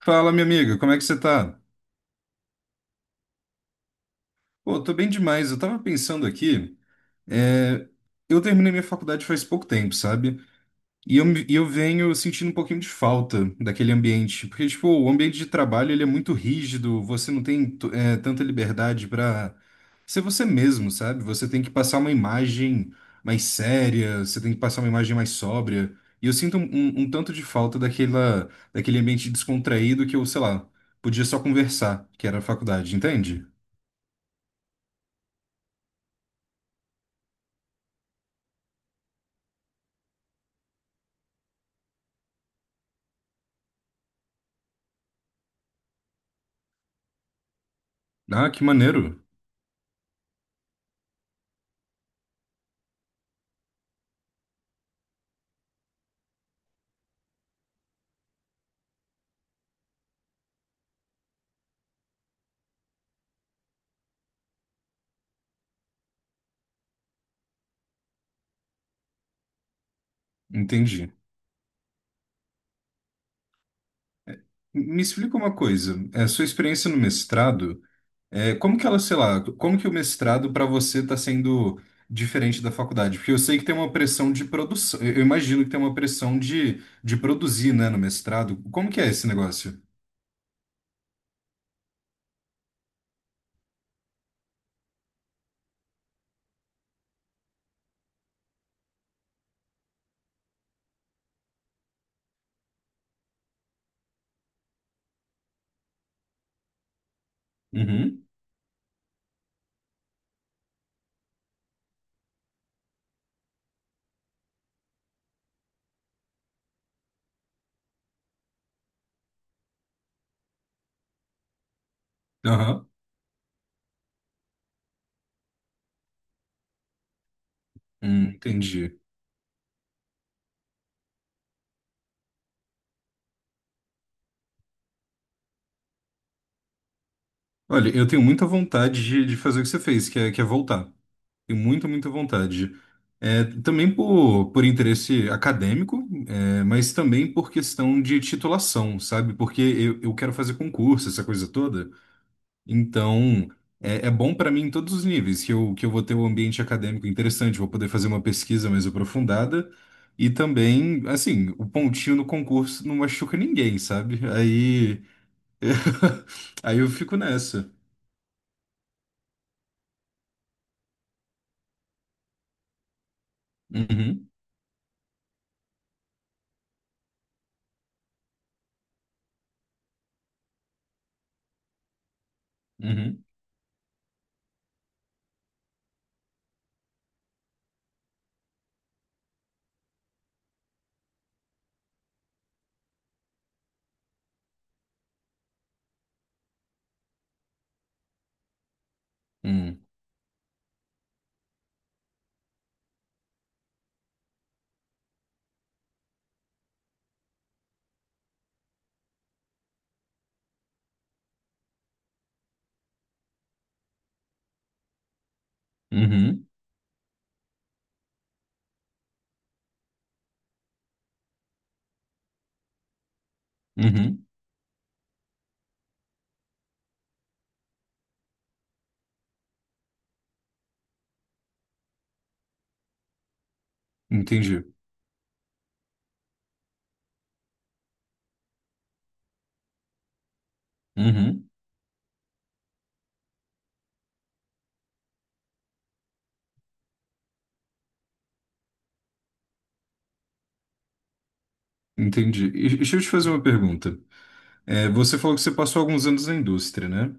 Fala, minha amiga, como é que você tá? Pô, tô bem demais. Eu tava pensando aqui, é, eu terminei minha faculdade faz pouco tempo, sabe? E eu venho sentindo um pouquinho de falta daquele ambiente, porque, tipo, o ambiente de trabalho, ele é muito rígido, você não tem, tanta liberdade pra ser você mesmo, sabe? Você tem que passar uma imagem mais séria, você tem que passar uma imagem mais sóbria, e eu sinto um tanto de falta daquele ambiente descontraído que eu, sei lá, podia só conversar, que era a faculdade, entende? Ah, que maneiro. Entendi. Me explica uma coisa. Sua experiência no mestrado, como que ela, sei lá, como que o mestrado para você está sendo diferente da faculdade? Porque eu sei que tem uma pressão de produção. Eu imagino que tem uma pressão de produzir, né, no mestrado. Como que é esse negócio? Uhum. Aham. Entendi. Olha, eu tenho muita vontade de fazer o que você fez, que é voltar. Tenho muita, muita vontade. Também por interesse acadêmico, mas também por questão de titulação, sabe? Porque eu quero fazer concurso, essa coisa toda. Então, é bom para mim em todos os níveis, que eu vou ter um ambiente acadêmico interessante, vou poder fazer uma pesquisa mais aprofundada. E também, assim, o pontinho no concurso não machuca ninguém, sabe? Aí, aí eu fico nessa. Uhum, uhum, uhum, uhum, uhum. Entendi. Uhum, entendi. E deixa eu te fazer uma pergunta. Você falou que você passou alguns anos na indústria, né?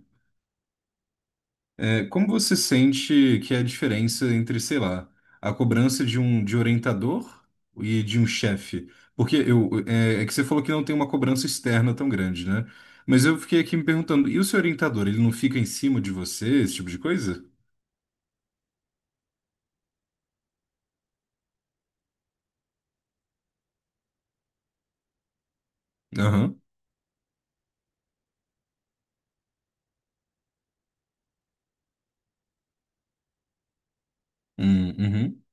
Como você sente que é a diferença entre, sei lá, a cobrança de orientador e de um chefe? Porque é que você falou que não tem uma cobrança externa tão grande, né? Mas eu fiquei aqui me perguntando, e o seu orientador, ele não fica em cima de você, esse tipo de coisa? Aham. Uhum.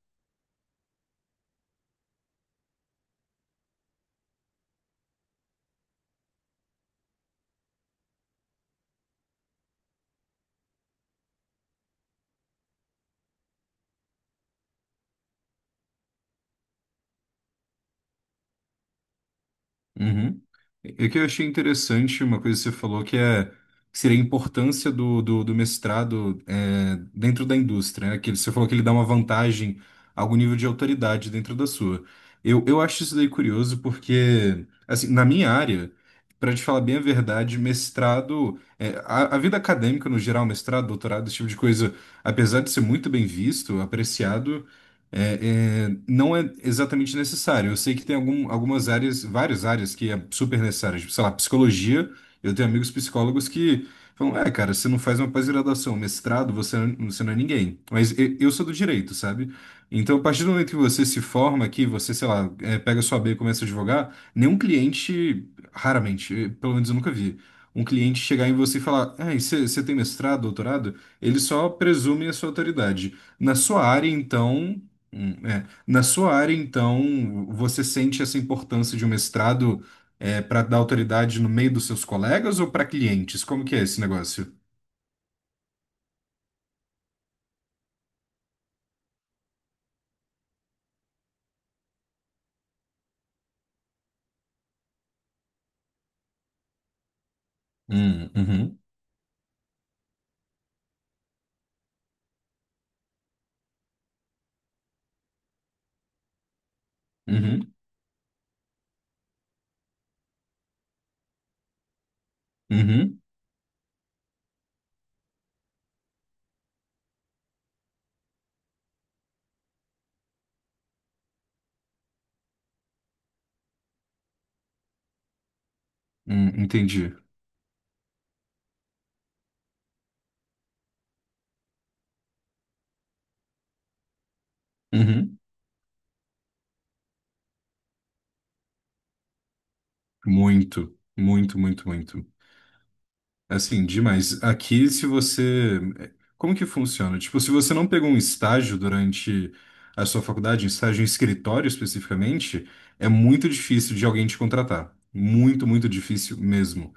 Uhum. É que eu achei interessante uma coisa que você falou que seria a importância do mestrado, dentro da indústria, né? Que você falou que ele dá uma vantagem, algum nível de autoridade dentro da sua. Eu acho isso daí curioso porque, assim, na minha área, para te falar bem a verdade, mestrado, a vida acadêmica no geral, mestrado, doutorado, esse tipo de coisa, apesar de ser muito bem visto, apreciado não é exatamente necessário. Eu sei que tem algumas áreas, várias áreas que é super necessário. Tipo, sei lá, psicologia. Eu tenho amigos psicólogos que falam, cara, você não faz uma pós-graduação, mestrado, você não é ninguém. Mas eu sou do direito, sabe? Então, a partir do momento que você se forma aqui, você, sei lá, pega sua B e começa a advogar, nenhum cliente, raramente, pelo menos eu nunca vi, um cliente chegar em você e falar, você tem mestrado, doutorado? Ele só presume a sua autoridade. Na sua área, então, hum, é. Na sua área, então, você sente essa importância de um mestrado para dar autoridade no meio dos seus colegas ou para clientes? Como que é esse negócio? Uhum, uhum, uhum, entendi. Uhum. Muito, muito, muito, muito. Assim, demais. Aqui, se você. É, como que funciona? Tipo, se você não pegou um estágio durante a sua faculdade, um estágio em escritório especificamente, é muito difícil de alguém te contratar. Muito, muito difícil mesmo.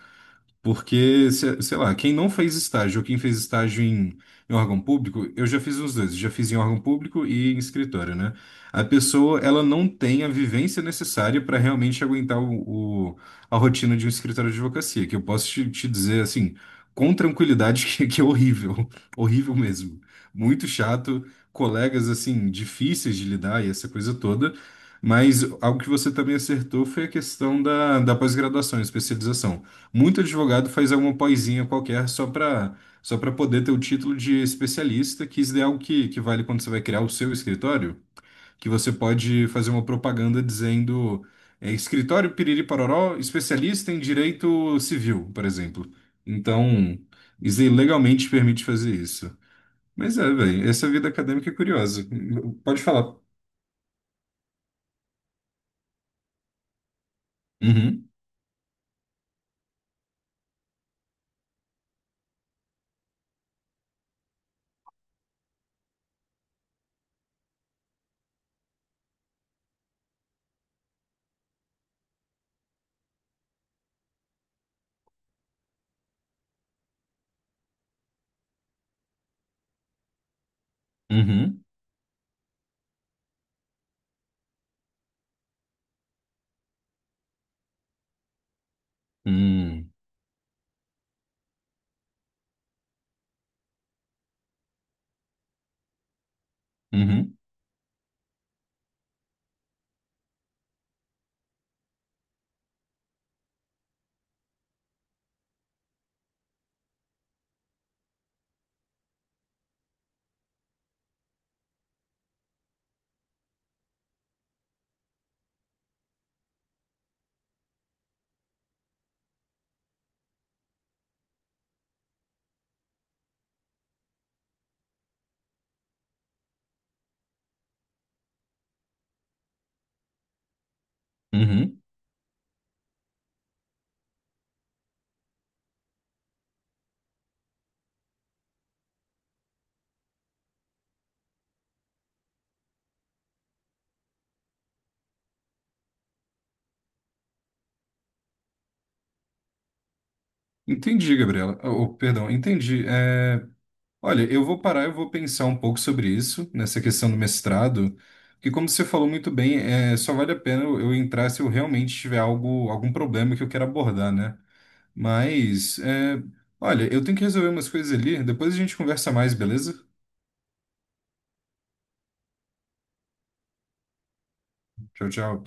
Porque, sei lá, quem não fez estágio ou quem fez estágio em órgão público, eu já fiz os dois, já fiz em órgão público e em escritório, né? A pessoa, ela não tem a vivência necessária para realmente aguentar a rotina de um escritório de advocacia, que eu posso te dizer, assim, com tranquilidade, que é horrível, horrível mesmo. Muito chato, colegas, assim, difíceis de lidar e essa coisa toda. Mas algo que você também acertou foi a questão da pós-graduação, especialização. Muito advogado faz alguma poesinha qualquer só para poder ter o título de especialista, que isso é algo que vale quando você vai criar o seu escritório, que você pode fazer uma propaganda dizendo, escritório Piriri Pororó, especialista em direito civil, por exemplo. Então, isso aí legalmente permite fazer isso. Mas é, velho, essa vida acadêmica é curiosa. Pode falar. Uhum, uhum, hum, uhum, uhum. Entendi, Gabriela. Oh, perdão, entendi. Olha, eu vou parar, eu vou pensar um pouco sobre isso, nessa questão do mestrado, que como você falou muito bem, só vale a pena eu entrar se eu realmente tiver algum problema que eu quero abordar, né? Mas, olha, eu tenho que resolver umas coisas ali, depois a gente conversa mais, beleza? Tchau, tchau.